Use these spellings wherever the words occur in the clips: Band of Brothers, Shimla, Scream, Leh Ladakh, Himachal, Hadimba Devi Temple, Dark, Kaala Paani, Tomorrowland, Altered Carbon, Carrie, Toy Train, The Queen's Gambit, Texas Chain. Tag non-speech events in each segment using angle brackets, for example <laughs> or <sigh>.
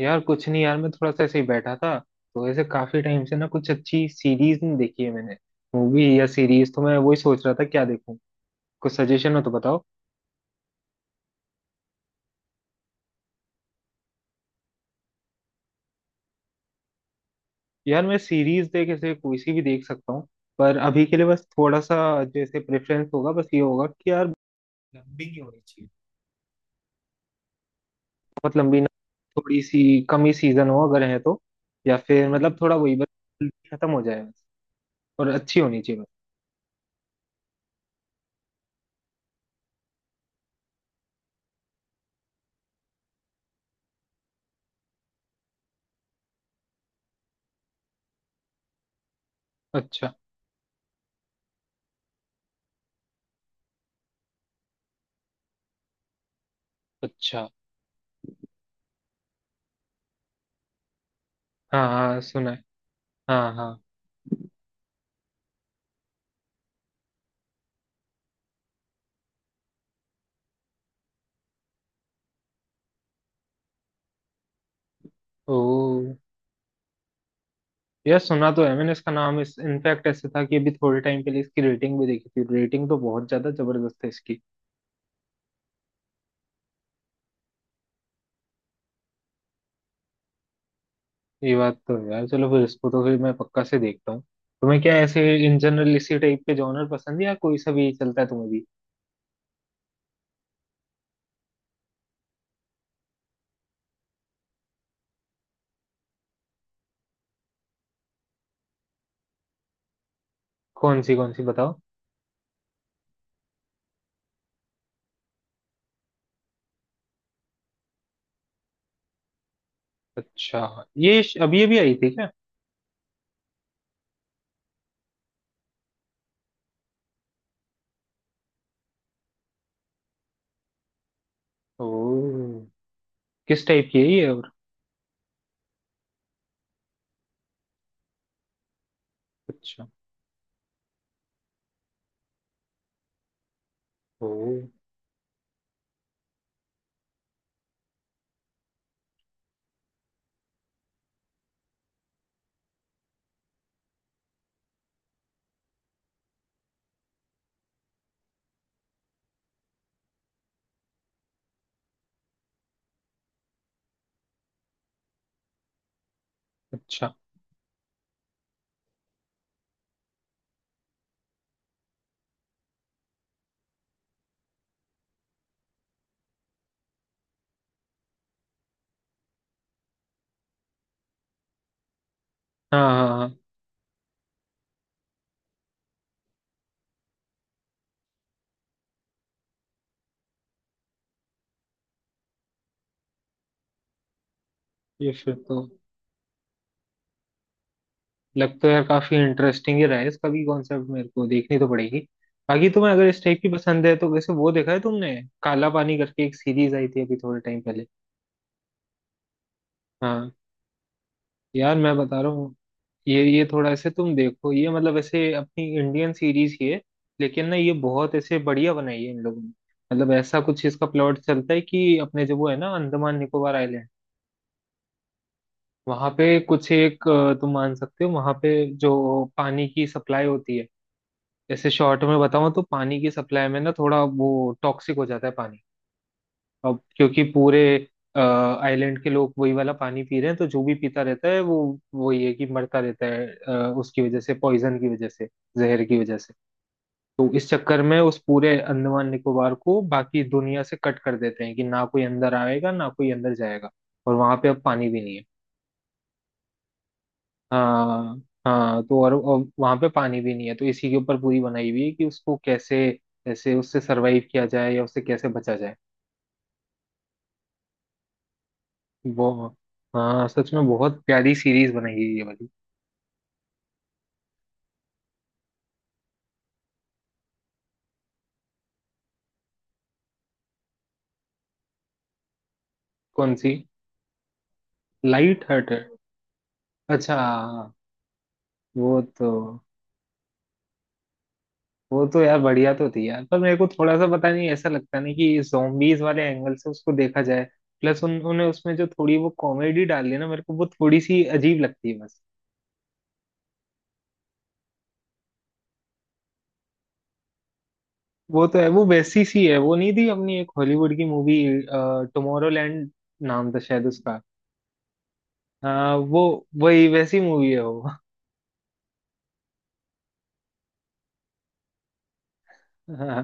यार कुछ नहीं यार, मैं थोड़ा सा ऐसे ही बैठा था। तो ऐसे काफी टाइम से ना कुछ अच्छी सीरीज नहीं देखी है मैंने। मूवी या सीरीज, तो मैं वही सोच रहा था क्या देखूं। कुछ सजेशन हो तो बताओ। यार मैं सीरीज देख ऐसे कोई सी भी देख सकता हूँ। पर अभी के लिए बस थोड़ा सा, जैसे प्रेफरेंस होगा बस ये होगा कि यार, लंबी नहीं होनी चाहिए। बहुत लंबी ना। थोड़ी सी कम ही सीजन हो अगर है तो। या फिर मतलब थोड़ा वही बस, जल्दी खत्म हो जाए बस। और अच्छी होनी चाहिए बस। अच्छा अच्छा। हाँ हाँ, सुना है। हाँ हाँ। ओ। यार सुना तो है मैंने इसका नाम, इस इनफैक्ट ऐसे था कि अभी थोड़े टाइम पहले इसकी रेटिंग भी देखी थी। रेटिंग तो बहुत ज्यादा जबरदस्त है इसकी। ये बात तो है यार। चलो फिर इसको तो फिर मैं पक्का से देखता हूँ। तुम्हें क्या ऐसे इन जनरल इसी टाइप के जॉनर पसंद है, या कोई सा भी चलता है तुम्हें भी? कौन सी बताओ? अच्छा। ये अभी अभी आई थी क्या? ओ। किस टाइप की है ये और? अच्छा। ओ। अच्छा। हाँ हाँ हाँ। ये फिर तो। लग तो यार काफी इंटरेस्टिंग ही रहा है इसका भी कॉन्सेप्ट, मेरे को देखनी तो पड़ेगी। बाकी तुम्हें अगर इस टाइप की पसंद है तो वैसे वो देखा है तुमने? काला पानी करके एक सीरीज आई थी अभी थोड़े टाइम पहले। हाँ। यार मैं बता रहा हूँ। ये थोड़ा ऐसे तुम देखो, ये मतलब ऐसे अपनी इंडियन सीरीज ही है। लेकिन ना ये बहुत ऐसे बढ़िया बनाई है इन लोगों ने। मतलब ऐसा कुछ इसका प्लॉट चलता है कि अपने जो वो है ना, अंडमान निकोबार आइलैंड। वहां पे कुछ एक, तुम मान सकते हो वहां पे जो पानी की सप्लाई होती है। जैसे शॉर्ट में बताऊं तो पानी की सप्लाई में ना थोड़ा वो टॉक्सिक हो जाता है पानी। अब क्योंकि पूरे आइलैंड के लोग वही वाला पानी पी रहे हैं तो जो भी पीता रहता है वो वही है कि मरता रहता है उसकी वजह से। पॉइजन की वजह से। जहर की वजह से। तो इस चक्कर में उस पूरे अंडमान निकोबार को बाकी दुनिया से कट कर देते हैं कि ना कोई अंदर आएगा ना कोई अंदर जाएगा। और वहां पे अब पानी भी नहीं है। हाँ। हाँ तो और वहां पे पानी भी नहीं है तो इसी के ऊपर पूरी बनाई हुई है कि उसको कैसे ऐसे उससे सरवाइव किया जाए या उससे कैसे बचा जाए। वो। हाँ सच में बहुत प्यारी सीरीज बनाई है ये वाली। कौन सी? Light hearted. अच्छा। वो तो। वो तो यार बढ़िया तो थी यार, पर मेरे को थोड़ा सा पता नहीं, ऐसा लगता नहीं कि जोम्बीज वाले एंगल से उसको देखा जाए। प्लस उन्होंने उसमें जो थोड़ी वो कॉमेडी डाली है ना, मेरे को वो थोड़ी सी अजीब लगती है बस। वो तो है। वो वैसी सी है, वो नहीं थी अपनी एक हॉलीवुड की मूवी? टुमारोलैंड नाम था शायद उसका। हाँ वो। वही वैसी मूवी है वो। <laughs> हाँ।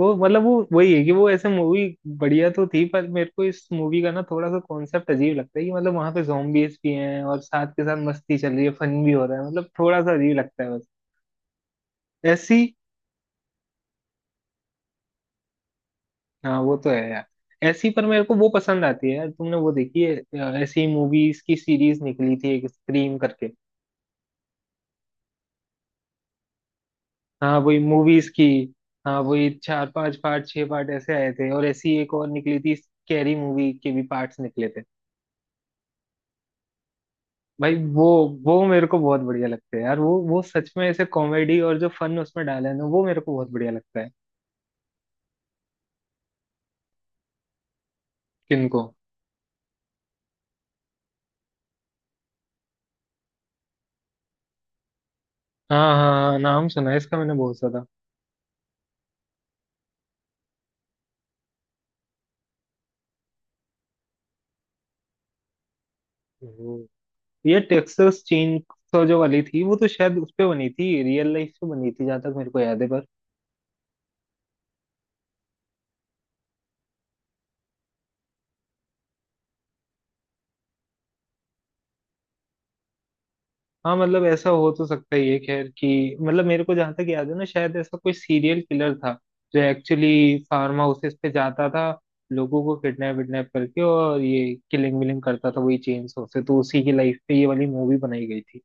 वो मतलब वो वही है कि वो ऐसे मूवी बढ़िया तो थी, पर मेरे को इस मूवी का ना थोड़ा सा कॉन्सेप्ट अजीब लगता है कि मतलब वहां पे जॉम्बीज भी हैं और साथ के साथ मस्ती चल रही है फन भी हो रहा है, मतलब थोड़ा सा अजीब लगता है बस। ऐसी। हाँ वो तो है यार। ऐसी पर मेरे को वो पसंद आती है यार। तुमने वो देखी है ऐसी मूवीज की सीरीज निकली थी एक स्क्रीम करके? हाँ वही मूवीज की। हाँ वही चार पांच पार्ट छह पार्ट ऐसे आए थे। और ऐसी एक और निकली थी, कैरी मूवी के भी पार्ट्स निकले थे। भाई वो मेरे को बहुत बढ़िया लगते हैं यार। वो सच में ऐसे कॉमेडी और जो फन उसमें डाला है ना, वो मेरे को बहुत बढ़िया लगता है। किनको? हाँ हाँ हाँ, नाम सुना है इसका मैंने बहुत ज्यादा। हम्म। ये टेक्सास चेन जो वाली थी वो तो शायद उस पे बनी थी, रियल लाइफ पे बनी थी जहां तक मेरे को याद है पर। हाँ, मतलब ऐसा हो तो सकता ही है खैर, कि मतलब मेरे को जहां तक याद है ना, शायद ऐसा कोई सीरियल किलर था जो एक्चुअली फार्म हाउसेस पे जाता था। लोगों को किडनैप विडनैप करके और ये किलिंग विलिंग करता था वही चेन स्मोक से, तो उसी की लाइफ पे ये वाली मूवी बनाई गई थी।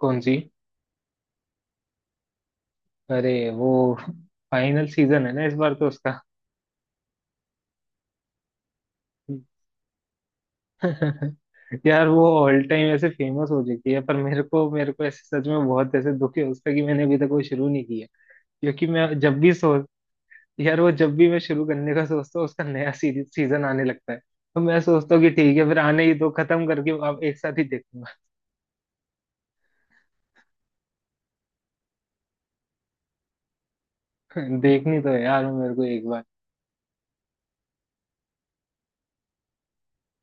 कौन सी? अरे वो। फाइनल सीजन है ना इस बार तो उसका। <laughs> यार वो ऑल टाइम ऐसे फेमस हो चुकी है, पर मेरे को ऐसे सच में बहुत ऐसे दुख है उसका कि मैंने अभी तक वो शुरू नहीं किया। क्योंकि मैं जब भी सोच। यार वो जब भी मैं शुरू करने का सोचता हूँ उसका नया सीरीज सीजन आने लगता है। तो मैं सोचता हूँ कि ठीक है फिर आने ही दो, खत्म करके आप एक साथ ही देखूंगा। <laughs> देखनी तो है यार वो मेरे को एक बार।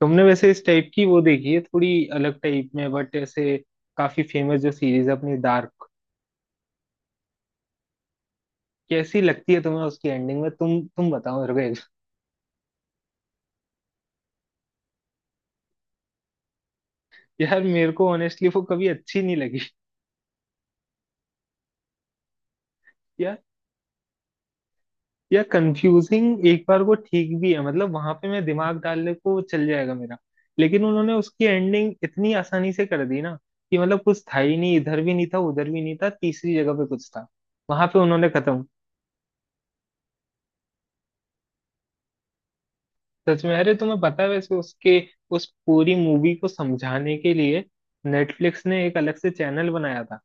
तुमने वैसे इस टाइप की वो देखी है थोड़ी अलग टाइप में बट ऐसे काफी फेमस जो सीरीज है अपनी डार्क? कैसी लगती है तुम्हें उसकी एंडिंग में? तुम बताओ मेरे को एक। <laughs> यार मेरे को ऑनेस्टली वो कभी अच्छी नहीं लगी। <laughs> यार, या कंफ्यूजिंग एक बार वो ठीक भी है, मतलब वहां पे मैं दिमाग डालने को चल जाएगा मेरा। लेकिन उन्होंने उसकी एंडिंग इतनी आसानी से कर दी ना, कि मतलब कुछ था ही नहीं। इधर भी नहीं था उधर भी नहीं था, तीसरी जगह पे कुछ था। वहां पे उन्होंने खत्म। सच में, अरे तुम्हें पता है वैसे उसके उस पूरी मूवी को समझाने के लिए नेटफ्लिक्स ने एक अलग से चैनल बनाया था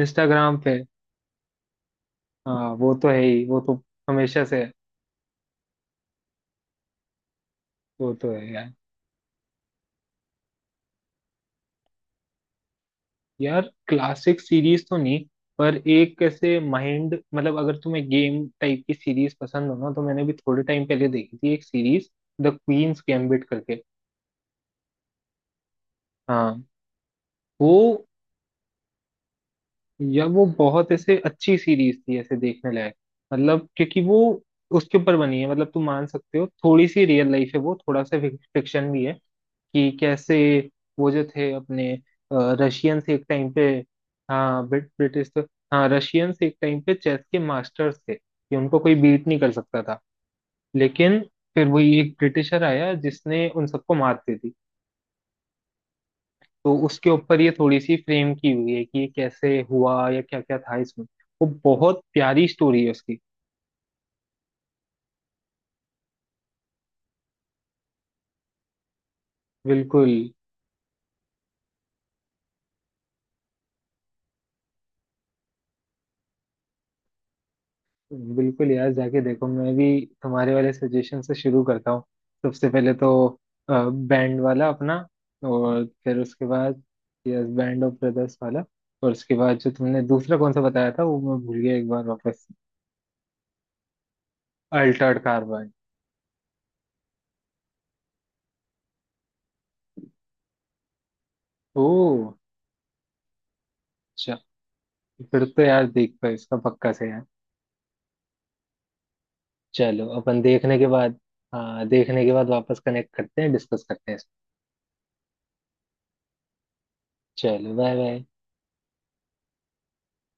इंस्टाग्राम पे। हाँ वो तो है ही। वो तो हमेशा से है। वो तो है यार। यार क्लासिक सीरीज तो नहीं, पर एक कैसे माइंड, मतलब अगर तुम्हें गेम टाइप की सीरीज पसंद हो ना, तो मैंने भी थोड़े टाइम पहले देखी थी एक सीरीज। द क्वींस गैम्बिट करके। हाँ। वो। या वो बहुत ऐसे अच्छी सीरीज थी ऐसे देखने लायक। मतलब क्योंकि वो उसके ऊपर बनी है, मतलब तुम मान सकते हो थोड़ी सी रियल लाइफ है वो थोड़ा सा फिक्शन भी है, कि कैसे वो जो थे अपने रशियंस एक टाइम पे। हाँ ब्रिटिश तो। हाँ रशियंस एक टाइम पे चेस के मास्टर्स थे कि उनको कोई बीट नहीं कर सकता था। लेकिन फिर वही एक ब्रिटिशर आया जिसने उन सबको मात दी थी। तो उसके ऊपर ये थोड़ी सी फ्रेम की हुई है कि ये कैसे हुआ या क्या क्या था इसमें। वो बहुत प्यारी स्टोरी है उसकी। बिल्कुल। बिल्कुल यार जाके देखो, मैं भी तुम्हारे वाले सजेशन से शुरू करता हूँ। सबसे पहले तो बैंड वाला अपना। और फिर उसके बाद। यस, बैंड ऑफ ब्रदर्स वाला। और उसके बाद जो तुमने दूसरा कौन सा बताया था वो मैं भूल गया, एक बार वापस। Altered carbon. ओ। अच्छा। फिर तो यार देखता है इसका पक्का से यार। चलो अपन देखने के बाद। हाँ देखने के बाद वापस कनेक्ट करते हैं, डिस्कस करते हैं इसको। चलो बाय बाय।